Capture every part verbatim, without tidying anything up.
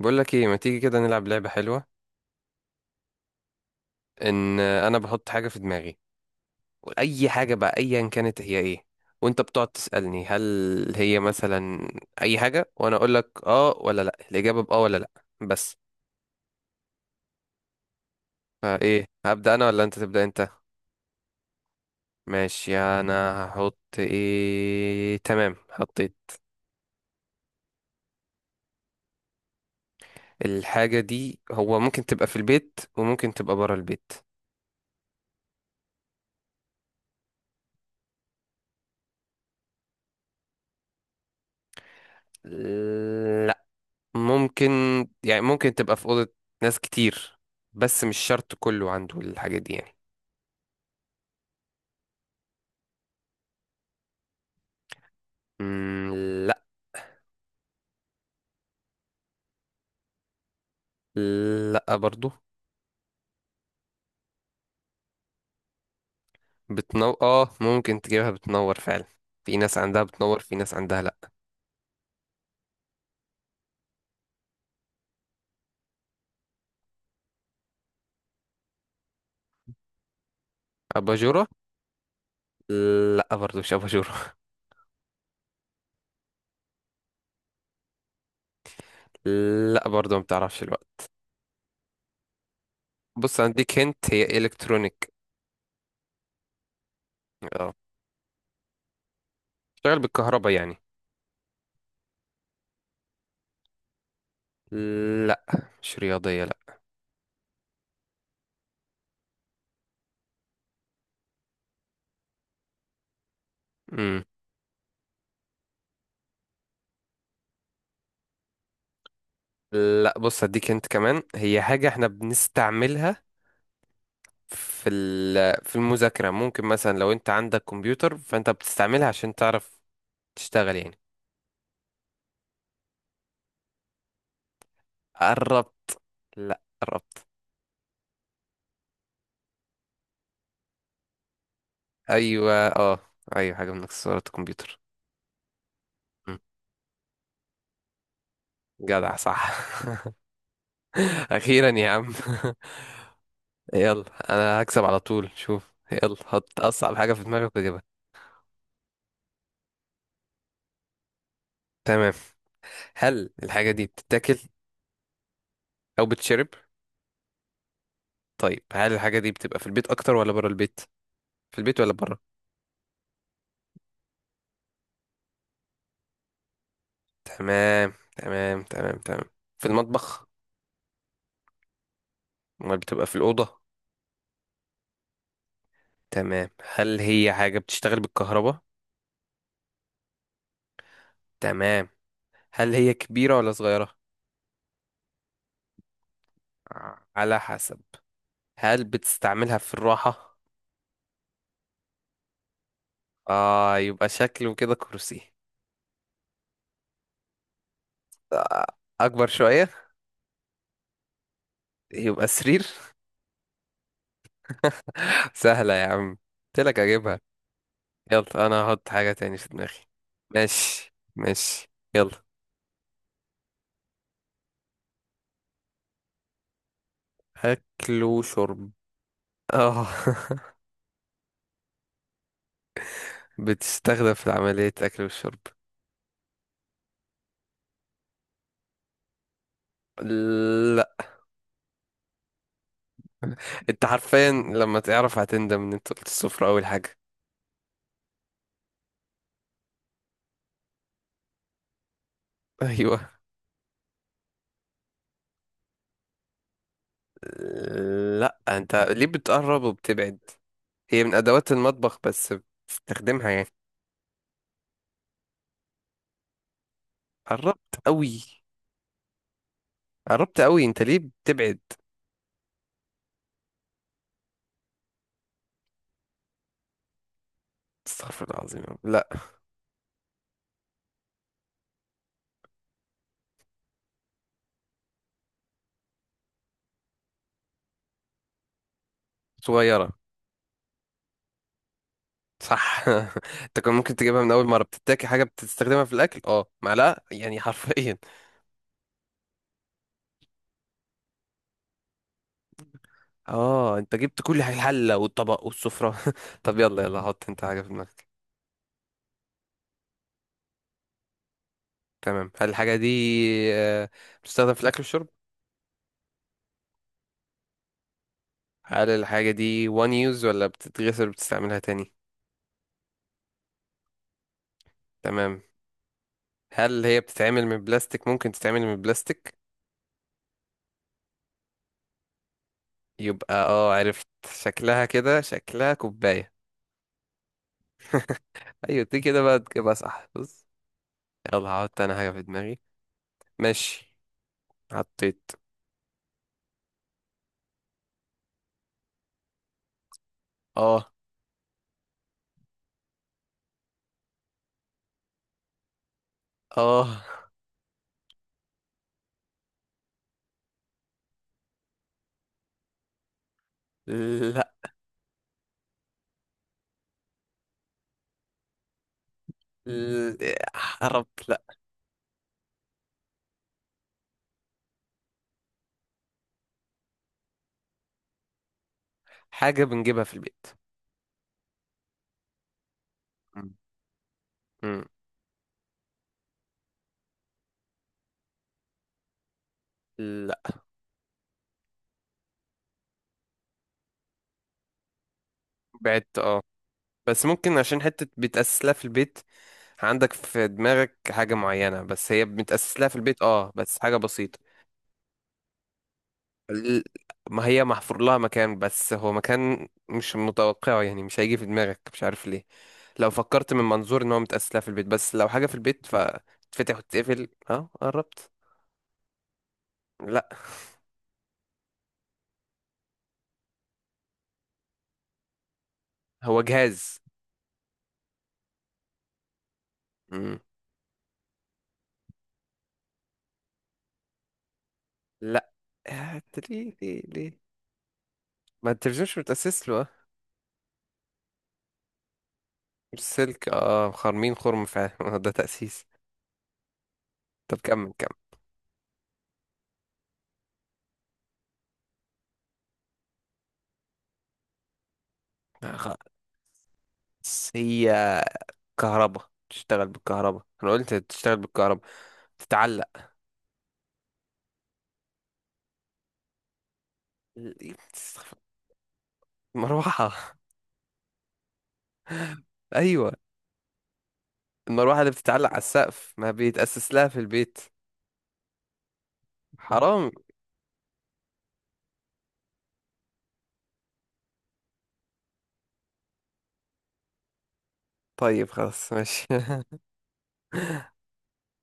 بقول لك ايه، ما تيجي كده نلعب لعبة حلوة؟ ان انا بحط حاجة في دماغي، اي حاجة بقى، ايا كانت هي ايه. وانت بتقعد تسألني هل هي مثلا اي حاجة، وانا اقول لك اه ولا لا، الاجابة باه ولا لا بس. فايه، هبدأ انا ولا انت تبدأ انت؟ ماشي، انا هحط ايه. تمام، حطيت. الحاجة دي هو ممكن تبقى في البيت وممكن تبقى برا البيت. ممكن، يعني ممكن تبقى في أوضة ناس كتير، بس مش شرط كله عنده الحاجات دي يعني. مم، لا. لا برضو. بتنور اه ممكن تجيبها، بتنور فعلا. في ناس عندها بتنور في ناس عندها لا. أباجورة. لا برضو مش أباجورة. لا برضو ما بتعرفش الوقت. بص، هديك هنت، هي إلكترونيك. اه بتشتغل بالكهرباء يعني. لا مش رياضية لا. مم. لا بص هديك هنت كمان، هي حاجة احنا بنستعملها في ال- في المذاكرة. ممكن مثلا لو انت عندك كمبيوتر، فانت بتستعملها عشان تعرف تشتغل يعني. قربت. لا قربت. ايوه اه، ايوه حاجة من اكسسوارات الكمبيوتر. مم. جدع صح. اخيرا يا عم. يلا انا هكسب على طول، شوف. يلا حط اصعب حاجة في دماغك واجيبها. تمام، هل الحاجة دي بتتاكل او بتشرب؟ طيب، هل الحاجة دي بتبقى في البيت اكتر ولا بره البيت؟ في البيت ولا بره؟ تمام تمام تمام تمام. في المطبخ؟ امال بتبقى في الأوضة؟ تمام. هل هي حاجة بتشتغل بالكهرباء؟ تمام. هل هي كبيرة ولا صغيرة؟ ع- على حسب. هل بتستعملها في الراحة؟ آه، يبقى شكله كده كرسي. آه، أكبر شوية. يبقى سرير. سهلة يا عم، قلتلك أجيبها. يلا أنا هحط حاجة تاني في دماغي. ماشي ماشي. يلا. أكل وشرب، آه. بتستخدم في عملية أكل والشرب. انت حرفيا لما تعرف هتندم ان انت قلت الصفر اول حاجة. ايوه. لا انت ليه بتقرب وبتبعد؟ هي من ادوات المطبخ بس بتستخدمها يعني. قربت قوي. قربت قوي، انت ليه بتبعد؟ استغفر الله العظيم يا رب. لا. صغيرة. صح. انت كان ممكن تجيبها من اول مرة، بتتاكل حاجة بتستخدمها في الاكل، اه معلقة يعني حرفيا. اه انت جبت كل حاجة، الحلة والطبق والسفرة. طب يلا، يلا حط انت حاجة في دماغك. تمام، هل الحاجة دي آه، بتستخدم في الاكل والشرب؟ هل الحاجة دي one use ولا بتتغسل وبتستعملها تاني؟ تمام. هل هي بتتعمل من بلاستيك؟ ممكن تتعمل من بلاستيك. يبقى اه عرفت شكلها، كده شكلها كوباية. ايوه دي كده بقى تجيبها صح، بص. يلا هحط انا حاجة في دماغي. ماشي، حطيت. اه. اه. لا. ل- حرب لا. حاجة بنجيبها في البيت. مم. مم. لا. بعدت اه، بس ممكن عشان حتة بيتأسس لها في البيت. عندك في دماغك حاجة معينة بس هي متأسس لها في البيت، اه بس حاجة بسيطة. ال- ما هي محفور لها مكان، بس هو مكان مش متوقعه، يعني مش هيجي في دماغك مش عارف ليه. لو فكرت من منظور ان هو متأسس لها في البيت، بس لو حاجة في البيت فتتفتح وتتقفل، اه قربت. لا. هو جهاز. مم. لا. آه، ليه ليه ليه؟ ما التلفزيون مش متأسس له آه. السلك اه خرمين، خرم فعلا. ده تأسيس. طب كمل كمل. آه، خلاص. هي كهرباء، تشتغل بالكهرباء انا قلت، تشتغل بالكهرباء، تتعلق. مروحة. ايوه. المروحة اللي بتتعلق على السقف ما بيتأسس لها في البيت. حرام. طيب خلاص ماشي.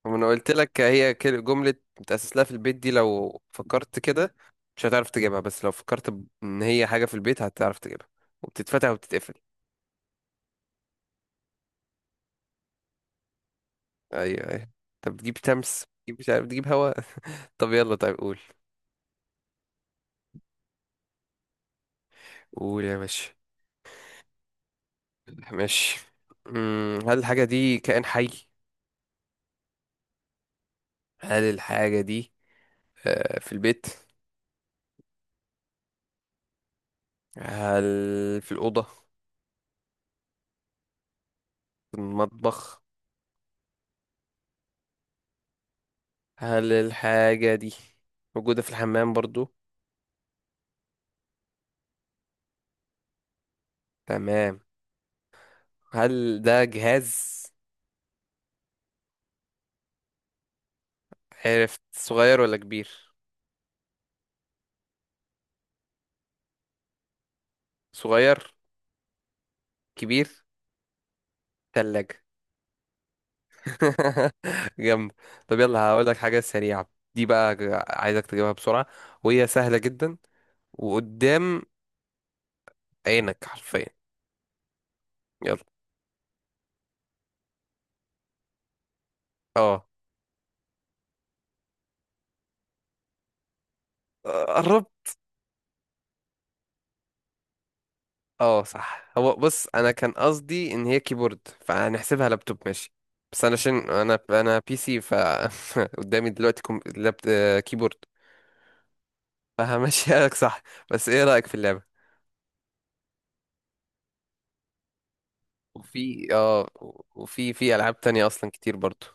وانا قلت لك هي كل- جملة بتأسس لها في البيت دي، لو فكرت كده مش هتعرف تجيبها، بس لو فكرت ب- ان هي حاجة في البيت هتعرف تجيبها، وبتتفتح وبتتقفل. ايوه ايوه. طب بتجيب شمس، بتجيب مش عارف، بتجيب هواء. طب يلا، طيب قول. قول يا باشا. ماشي. مم، هل الحاجة دي كائن حي؟ هل الحاجة دي آه، في البيت؟ هل في الأوضة؟ في المطبخ؟ هل الحاجة دي موجودة في الحمام برضو؟ تمام. هل ده جهاز؟ عرفت. صغير ولا كبير؟ صغير. كبير. تلاجة. جامد. طب يلا هقول لك حاجة سريعة دي بقى، ج- عايزك تجيبها بسرعة، وهي سهلة جدا وقدام عينك حرفيا. يلا. اه. آه، قربت. اه صح. هو بص انا كان قصدي ان هي كيبورد، فهنحسبها لابتوب ماشي. بس انا عشان انا انا بي سي ف قدامي دلوقتي كم... لاب... آه، كيبورد، فهمشيها لك. صح. بس ايه رأيك في اللعبة؟ وفي اه وفي في العاب تانية اصلا كتير برضو.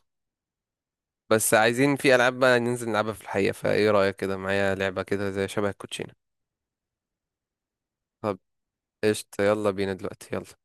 بس عايزين في العاب بقى ننزل نلعبها في الحقيقة، فايه رأيك كده معايا لعبة كده زي شبه الكوتشينة؟ طب قشطة، يلا بينا دلوقتي يلا.